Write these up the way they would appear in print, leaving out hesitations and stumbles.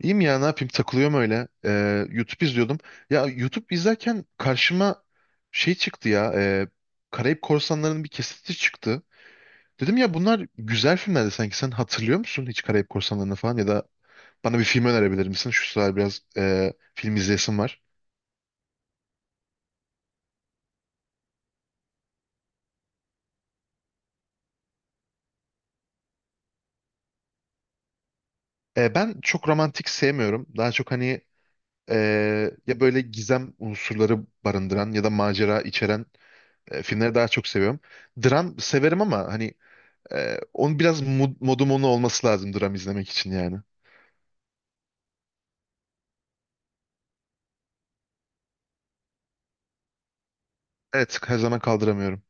İyiyim ya ne yapayım takılıyorum öyle. YouTube izliyordum. Ya YouTube izlerken karşıma şey çıktı ya. Karayip Korsanları'nın bir kesiti çıktı. Dedim ya bunlar güzel filmlerdi sanki. Sen hatırlıyor musun hiç Karayip Korsanları'nı falan? Ya da bana bir film önerebilir misin? Şu sıralar biraz film izleyesim var. Ben çok romantik sevmiyorum. Daha çok hani e, ya böyle gizem unsurları barındıran ya da macera içeren filmleri daha çok seviyorum. Dram severim ama hani onun biraz modum onu olması lazım dram izlemek için yani. Evet her zaman kaldıramıyorum.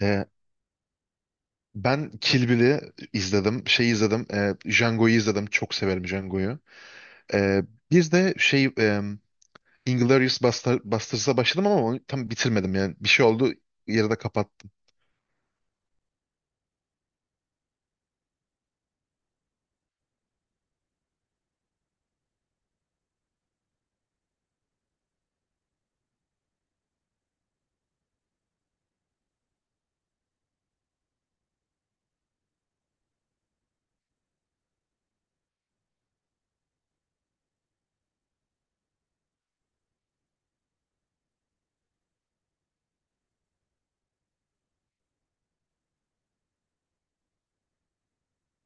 Ee, ben Kill Bill'i izledim. Şey izledim. Django'yu izledim. Çok severim Django'yu. Ee, bir de şey Basterds'a başladım ama onu tam bitirmedim yani. Bir şey oldu yarıda kapattım.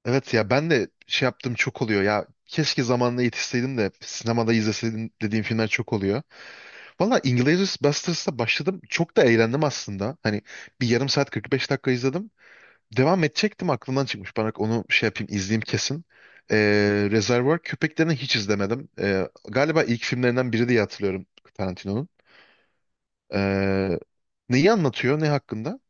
Evet ya ben de şey yaptığım çok oluyor ya. Keşke zamanında yetişseydim de sinemada izleseydim dediğim filmler çok oluyor. Valla Inglourious Basterds'la başladım. Çok da eğlendim aslında. Hani bir yarım saat 45 dakika izledim. Devam edecektim aklımdan çıkmış. Bana onu şey yapayım izleyeyim kesin. Reservoir Köpeklerini hiç izlemedim. Galiba ilk filmlerinden biri diye hatırlıyorum Tarantino'nun. Ee, neyi anlatıyor? Ne hakkında?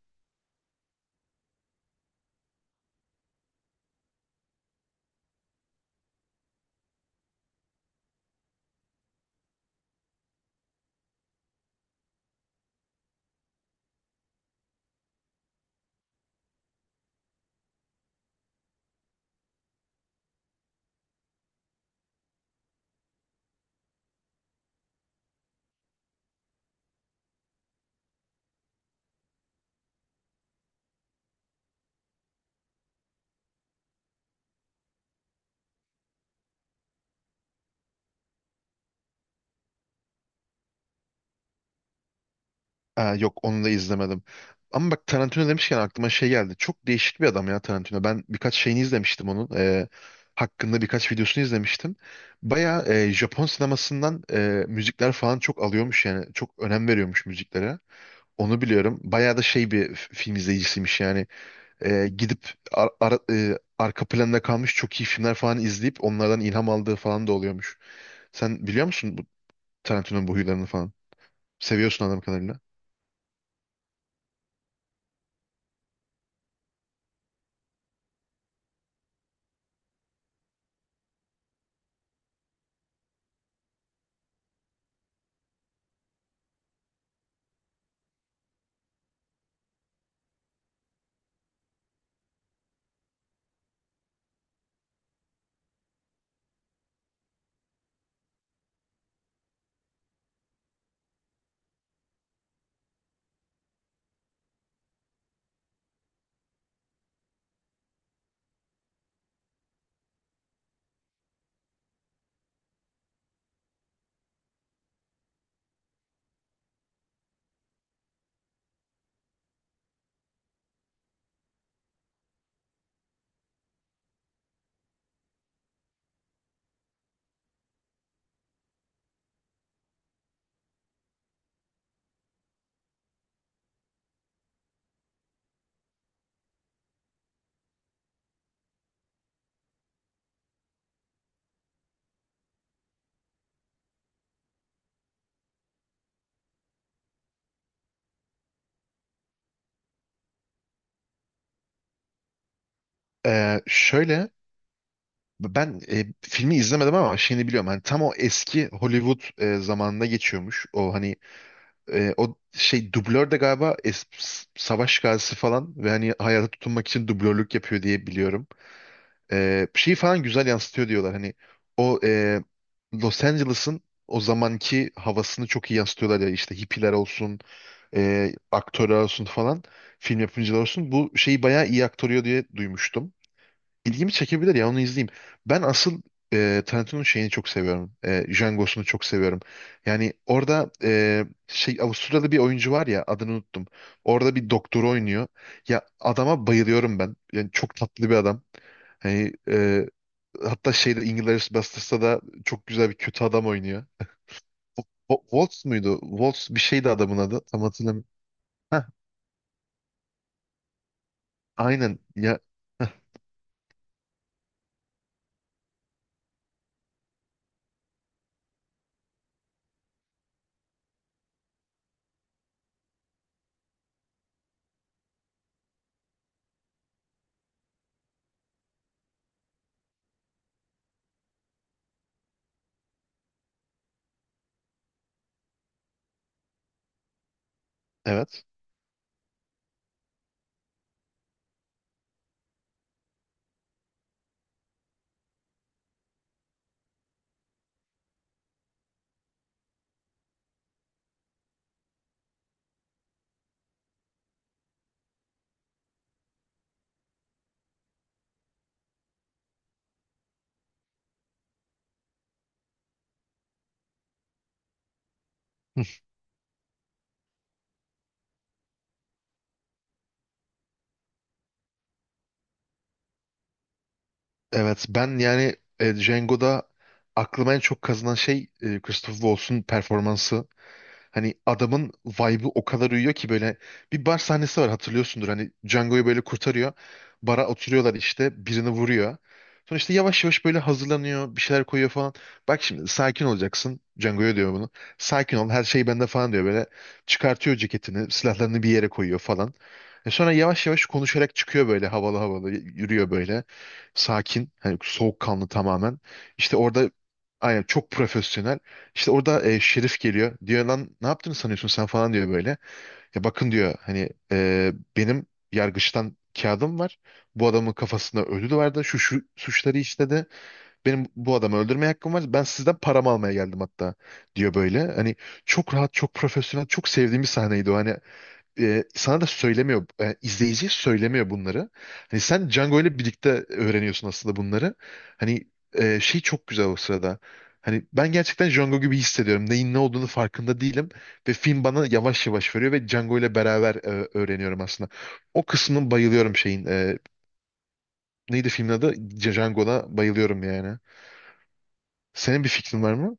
Aa, yok onu da izlemedim. Ama bak Tarantino demişken aklıma şey geldi. Çok değişik bir adam ya Tarantino. Ben birkaç şeyini izlemiştim onun. Hakkında birkaç videosunu izlemiştim. Baya Japon sinemasından müzikler falan çok alıyormuş yani. Çok önem veriyormuş müziklere. Onu biliyorum. Bayağı da şey bir film izleyicisiymiş yani. Gidip arka planda kalmış çok iyi filmler falan izleyip onlardan ilham aldığı falan da oluyormuş. Sen biliyor musun bu Tarantino'nun bu huylarını falan? Seviyorsun adam kadarıyla. Şöyle ben filmi izlemedim ama şeyini biliyorum. Hani tam o eski Hollywood zamanında geçiyormuş. O hani o şey dublör de galiba savaş gazisi falan ve hani hayata tutunmak için dublörlük yapıyor diye biliyorum. E, şeyi falan güzel yansıtıyor diyorlar. Hani o Los Angeles'ın o zamanki havasını çok iyi yansıtıyorlar ya işte hippiler olsun, aktörler olsun falan, film yapımcılar olsun. Bu şeyi bayağı iyi aktarıyor diye duymuştum. İlgimi çekebilir ya onu izleyeyim. Ben asıl Tarantino'nun şeyini çok seviyorum. E, Django'sunu çok seviyorum. Yani orada şey Avustralyalı bir oyuncu var ya adını unuttum. Orada bir doktor oynuyor. Ya adama bayılıyorum ben. Yani çok tatlı bir adam. Hani hatta şeyde Inglourious Basterds'ta da çok güzel bir kötü adam oynuyor. Wo- Waltz muydu? Waltz bir şeydi adamın adı. Tam hatırlamıyorum. Heh, aynen. Ya, heh, evet. Evet ben yani Django'da aklıma en çok kazınan şey Christopher Waltz'un performansı. Hani adamın vibe'ı o kadar uyuyor ki böyle bir bar sahnesi var hatırlıyorsundur. Hani Django'yu böyle kurtarıyor. Bara oturuyorlar işte birini vuruyor. Sonra işte yavaş yavaş böyle hazırlanıyor bir şeyler koyuyor falan. Bak şimdi sakin olacaksın. Django'ya diyor bunu. Sakin ol her şey bende falan diyor böyle. Çıkartıyor ceketini silahlarını bir yere koyuyor falan. E sonra yavaş yavaş konuşarak çıkıyor böyle havalı havalı yürüyor böyle. Sakin hani soğukkanlı tamamen. İşte orada aynen çok profesyonel. İşte orada Şerif geliyor. Diyor lan ne yaptığını sanıyorsun sen falan diyor böyle. Ya bakın diyor hani benim yargıçtan kağıdım var. Bu adamın kafasında ödül vardı. Şu suçları işledi. Benim bu adamı öldürmeye hakkım var. Ben sizden paramı almaya geldim hatta diyor böyle. Hani çok rahat, çok profesyonel, çok sevdiğim bir sahneydi o. Hani sana da söylemiyor, izleyiciye söylemiyor bunları. Hani sen Django ile birlikte öğreniyorsun aslında bunları. Hani şey çok güzel o sırada. Hani ben gerçekten Django gibi hissediyorum. Neyin ne olduğunu farkında değilim. Ve film bana yavaş yavaş veriyor ve Django ile beraber öğreniyorum aslında. O kısmını bayılıyorum şeyin. Neydi filmin adı? Django'da bayılıyorum yani. Senin bir fikrin var mı?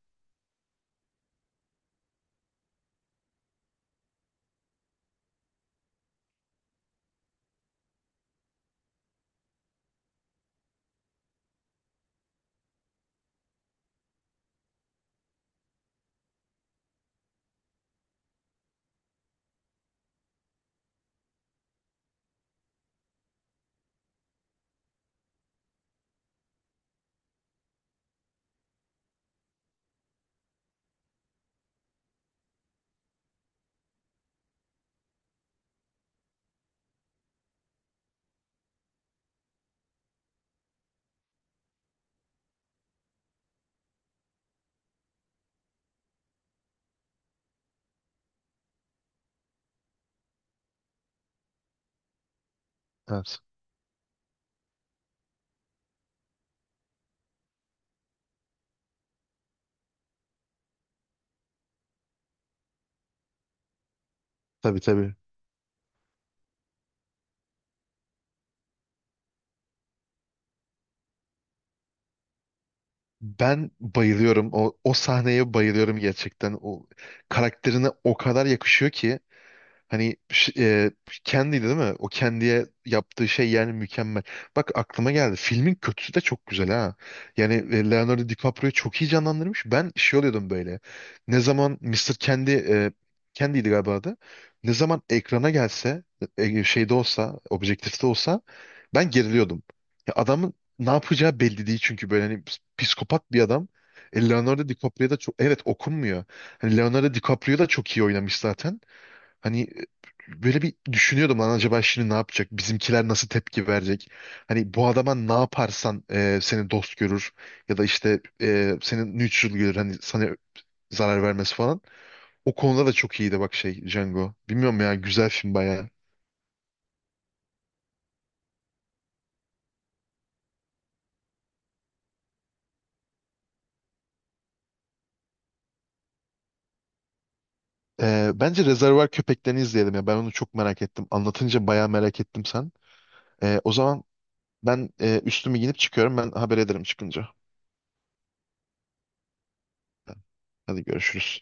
Evet. Tabii tabii. Ben bayılıyorum. O sahneye bayılıyorum gerçekten. O karakterine o kadar yakışıyor ki. Hani kendiydi değil mi? O kendiye yaptığı şey yani mükemmel. Bak aklıma geldi. Filmin kötüsü de çok güzel ha. Yani Leonardo DiCaprio'yu çok iyi canlandırmış. Ben şey oluyordum böyle. Ne zaman Mister Kendi Kendi'ydi galiba adı. Ne zaman ekrana gelse, şeyde olsa, objektifte olsa ben geriliyordum. Ya adamın ne yapacağı belli değil çünkü böyle hani psikopat bir adam. Leonardo DiCaprio da çok evet okunmuyor. Hani Leonardo DiCaprio da çok iyi oynamış zaten. Hani böyle bir düşünüyordum lan acaba şimdi ne yapacak? Bizimkiler nasıl tepki verecek? Hani bu adama ne yaparsan seni dost görür ya da işte seni neutral görür. Hani sana zarar vermesi falan. O konuda da çok iyiydi bak şey Django. Bilmiyorum ya güzel film bayağı. Bence Rezervuar Köpeklerini izleyelim ya. Ben onu çok merak ettim. Anlatınca bayağı merak ettim sen. O zaman ben üstümü giyinip çıkıyorum. Ben haber ederim çıkınca. Hadi görüşürüz.